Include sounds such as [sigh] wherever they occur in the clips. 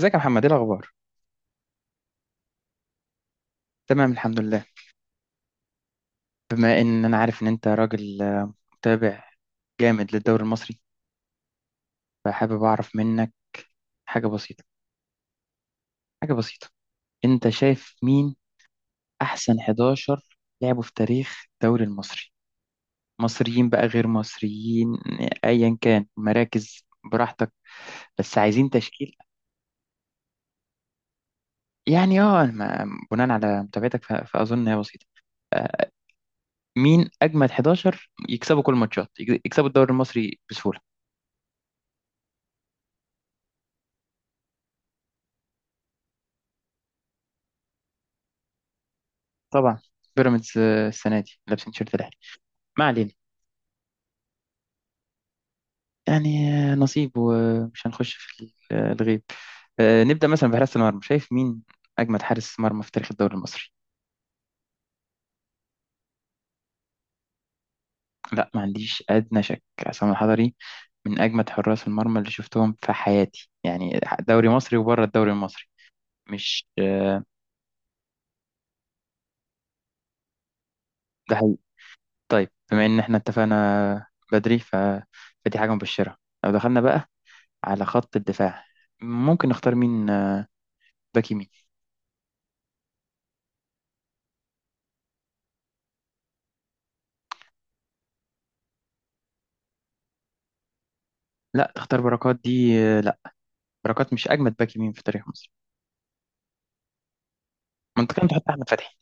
ازيك يا محمد، ايه الاخبار؟ تمام الحمد لله. بما ان انا عارف ان انت راجل متابع جامد للدوري المصري، فحابب اعرف منك حاجه بسيطه. حاجه بسيطه، انت شايف مين احسن 11 لعبوا في تاريخ الدوري المصري؟ مصريين بقى، غير مصريين، ايا كان مراكز، براحتك، بس عايزين تشكيل. يعني بناء على متابعتك فاظن هي بسيطه. آه، مين اجمد 11 يكسبوا كل الماتشات يكسبوا الدوري المصري بسهوله؟ طبعا. بيراميدز السنه دي لابسين شيرت الاهلي. ما علينا. يعني نصيب، ومش هنخش في الغيب. نبدا مثلا بحراسه المرمى، شايف مين اجمد حارس مرمى في تاريخ الدوري المصري؟ لا، ما عنديش ادنى شك، عصام الحضري من اجمد حراس المرمى اللي شفتهم في حياتي، يعني دوري مصري وبره الدوري المصري. مش آه، ده حقيقي. طيب، بما ان احنا اتفقنا بدري فدي حاجه مبشره. لو دخلنا بقى على خط الدفاع، ممكن نختار مين باك يمين؟ لا، تختار بركات دي؟ لا، بركات مش اجمد باك يمين في تاريخ مصر. ما انت كنت تحط احمد فتحي.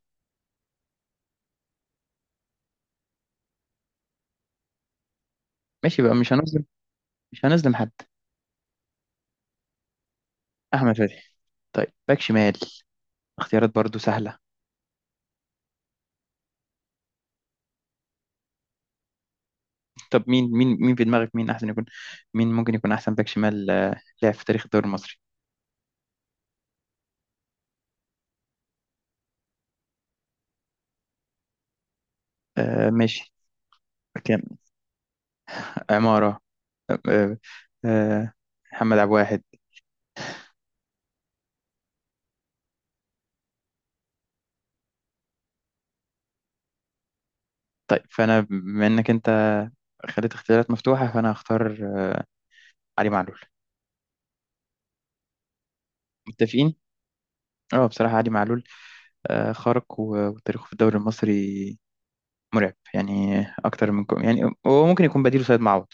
ماشي بقى، مش هنظلم حد. احمد فتحي. طيب، باك شمال، اختيارات برضو سهله. طب مين في دماغك؟ مين احسن يكون؟ مين ممكن يكون احسن باك شمال لعب في تاريخ الدوري المصري؟ آه ماشي. كان عماره. آه آه آه، محمد عبد الواحد. طيب، فانا بما انك انت خليت اختيارات مفتوحه، فانا هختار علي معلول. متفقين؟ اه، بصراحه علي معلول خارق، وتاريخه في الدوري المصري مرعب يعني. يعني هو ممكن يكون بديله سيد معوض.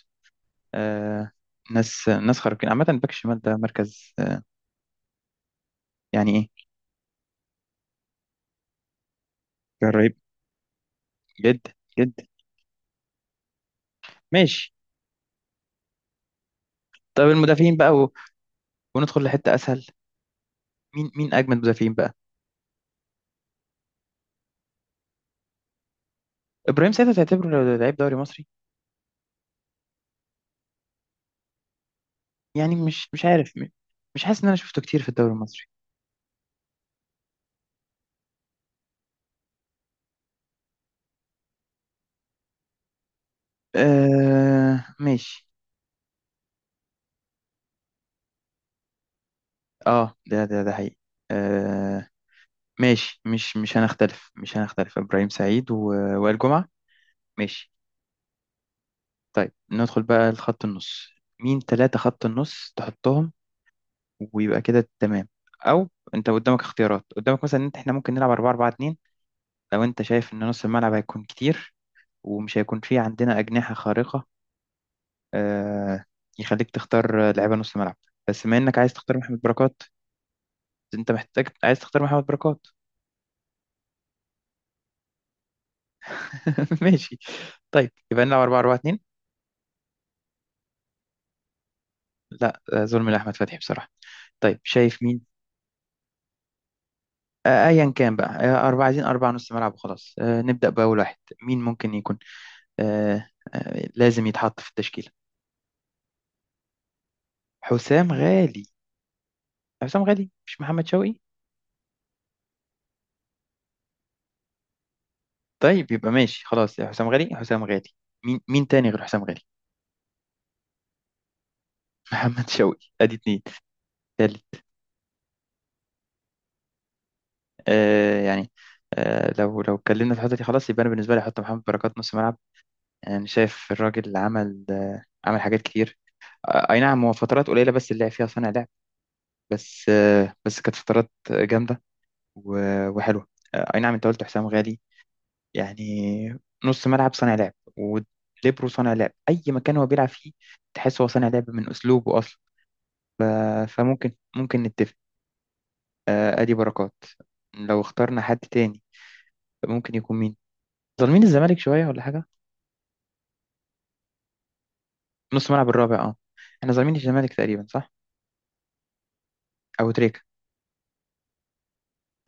آه، ناس ناس خارقين عامه، باك شمال ده مركز آه. يعني ايه. رهيب جدا، جدا. ماشي. طب المدافعين بقى، وندخل لحته اسهل. مين اجمد مدافعين بقى؟ ابراهيم ساعتها تعتبره لعيب دوري مصري؟ يعني مش عارف مش حاسس ان انا شفته كتير في الدوري المصري. آه ماشي. اه، ده حقيقي. آه ماشي، مش هنختلف ابراهيم سعيد وائل جمعه. ماشي. طيب، ندخل بقى لخط النص. مين ثلاثة خط النص تحطهم ويبقى كده تمام؟ أو أنت قدامك اختيارات، قدامك مثلا إن إحنا ممكن نلعب 4 4 2، لو أنت شايف إن نص الملعب هيكون كتير ومش هيكون فيه عندنا أجنحة خارقة. آه، يخليك تختار لعيبة نص ملعب. بس بما إنك عايز تختار محمد بركات، أنت محتاج عايز تختار محمد بركات. [laughs] ماشي. طيب يبقى نلعب 4 4 2. لا، ظلم لأحمد فتحي بصراحة. طيب شايف مين؟ ايا كان بقى، اربعه، عايزين اربعه نص ملعب وخلاص. نبدا باول واحد. مين ممكن يكون آه، لازم يتحط في التشكيله؟ حسام غالي. حسام غالي مش محمد شوقي؟ طيب يبقى ماشي خلاص، يا حسام غالي، حسام غالي. مين تاني غير حسام غالي؟ [laughs] محمد شوقي، ادي اتنين. تالت؟ آه يعني، آه، لو اتكلمنا في الحته دي خلاص، يبقى انا بالنسبه لي احط محمد بركات نص ملعب، يعني شايف الراجل عمل عمل حاجات كتير. آه اي نعم، هو فترات قليله بس اللي لعب فيها صانع لعب، بس كانت فترات جامده وحلوة. أي نعم، أنت قلت حسام غالي يعني، نص ملعب صانع لعب وليبرو صانع لعب أي مكان هو بيلعب فيه. تحس هو صانع لعب من أسلوبه أصلا. فممكن نتفق. أدي بركات. لو اخترنا حد تاني ممكن يكون مين؟ ظالمين الزمالك شوية ولا حاجة؟ نص ملعب الرابع أه. إحنا ظالمين الزمالك تقريبا، صح؟ أبو تريكة.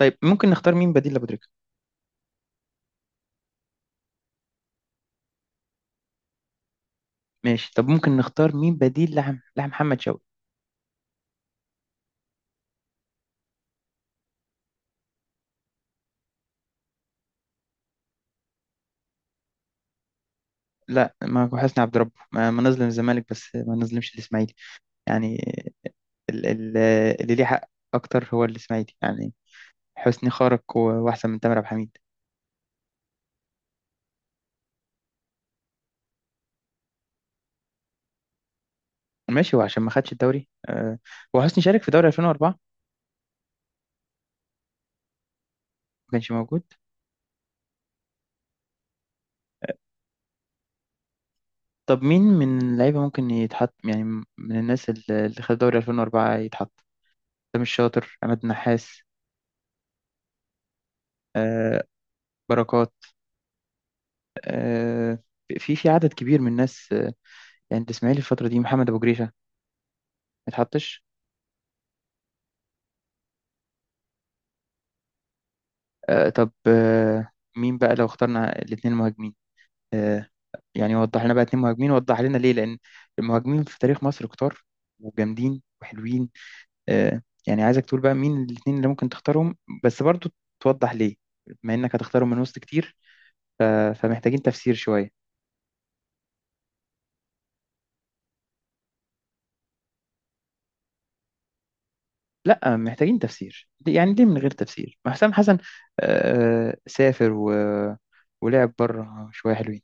طيب ممكن نختار مين بديل لأبو تريكة؟ ماشي. طب ممكن نختار مين بديل لمحمد شوقي؟ لا، ما هو حسني عبد ربه، ما نظلم الزمالك بس ما نظلمش الإسماعيلي يعني. ال- ال- اللي ليه حق اكتر هو الاسماعيلي يعني. حسني خارق واحسن من تامر عبد الحميد. ماشي، هو عشان ما خدش الدوري هو حسني شارك في دوري 2004، ما كانش موجود. طب مين من اللعيبه ممكن يتحط يعني؟ من الناس اللي خد دوري 2004 يتحط: سامي الشاطر، عماد النحاس، آه، بركات. آه، في عدد كبير من الناس. يعني الاسماعيلي الفتره دي، محمد ابو جريشه ما يتحطش. آه، طب آه، مين بقى لو اخترنا الاثنين مهاجمين آه، يعني؟ وضح لنا بقى اتنين مهاجمين، وضح لنا ليه، لأن المهاجمين في تاريخ مصر كتار وجامدين وحلوين. آه، يعني عايزك تقول بقى مين الاتنين اللي ممكن تختارهم، بس برضو توضح ليه، بما إنك هتختارهم من وسط كتير، ف- فمحتاجين تفسير شوية. لا، محتاجين تفسير. يعني ليه من غير تفسير ما حسام حسن آه سافر ولعب بره شوية حلوين.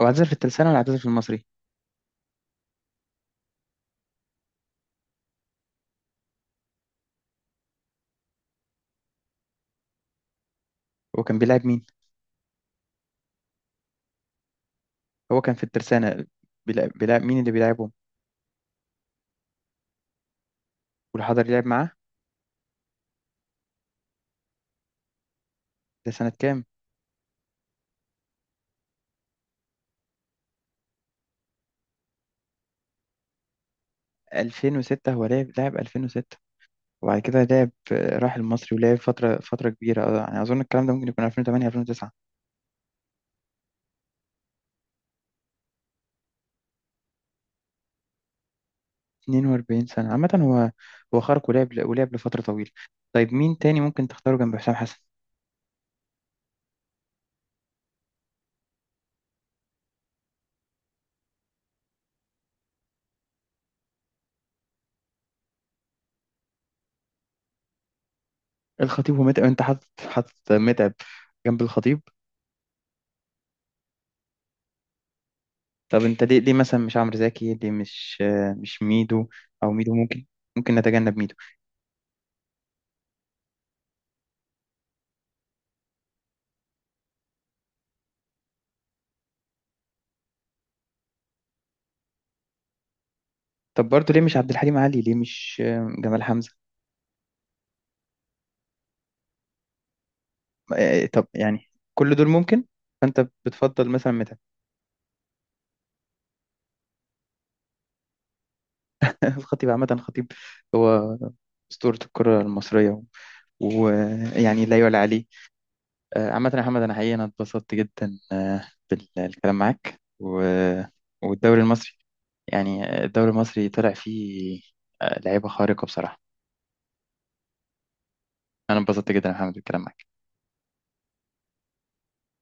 هو اعتزل في الترسانة ولا اعتزل في المصري؟ هو كان بيلعب مين؟ هو كان في الترسانة. بيلعب مين اللي بيلعبهم؟ والحضري لعب معاه؟ ده سنة كام؟ 2006 هو لعب 2006. وبعد كده لعب راح المصري ولعب فترة كبيرة، يعني أظن الكلام ده ممكن يكون 2008 2009. 42 سنة عامة. هو هو خارق ولعب لفترة طويلة. طيب مين تاني ممكن تختاره جنب حسام حسن؟ الخطيب ومتعب. أنت حاطط، متعب جنب الخطيب؟ طب أنت ليه، مثلا مش عمرو زكي، ليه مش مش ميدو؟ أو ميدو ممكن. ممكن نتجنب ميدو. طب برضه ليه مش عبد الحليم علي، ليه مش جمال حمزة؟ طب يعني كل دول ممكن، فأنت بتفضل مثلا؟ الخطيب عامة، الخطيب هو أسطورة الكرة المصرية، ويعني لا يعلى عليه. عامة يا محمد، أنا حقيقة اتبسطت جدا بالكلام معاك والدوري المصري، يعني الدوري المصري طلع فيه لعيبة خارقة بصراحة. أنا اتبسطت جدا يا محمد بالكلام معاك.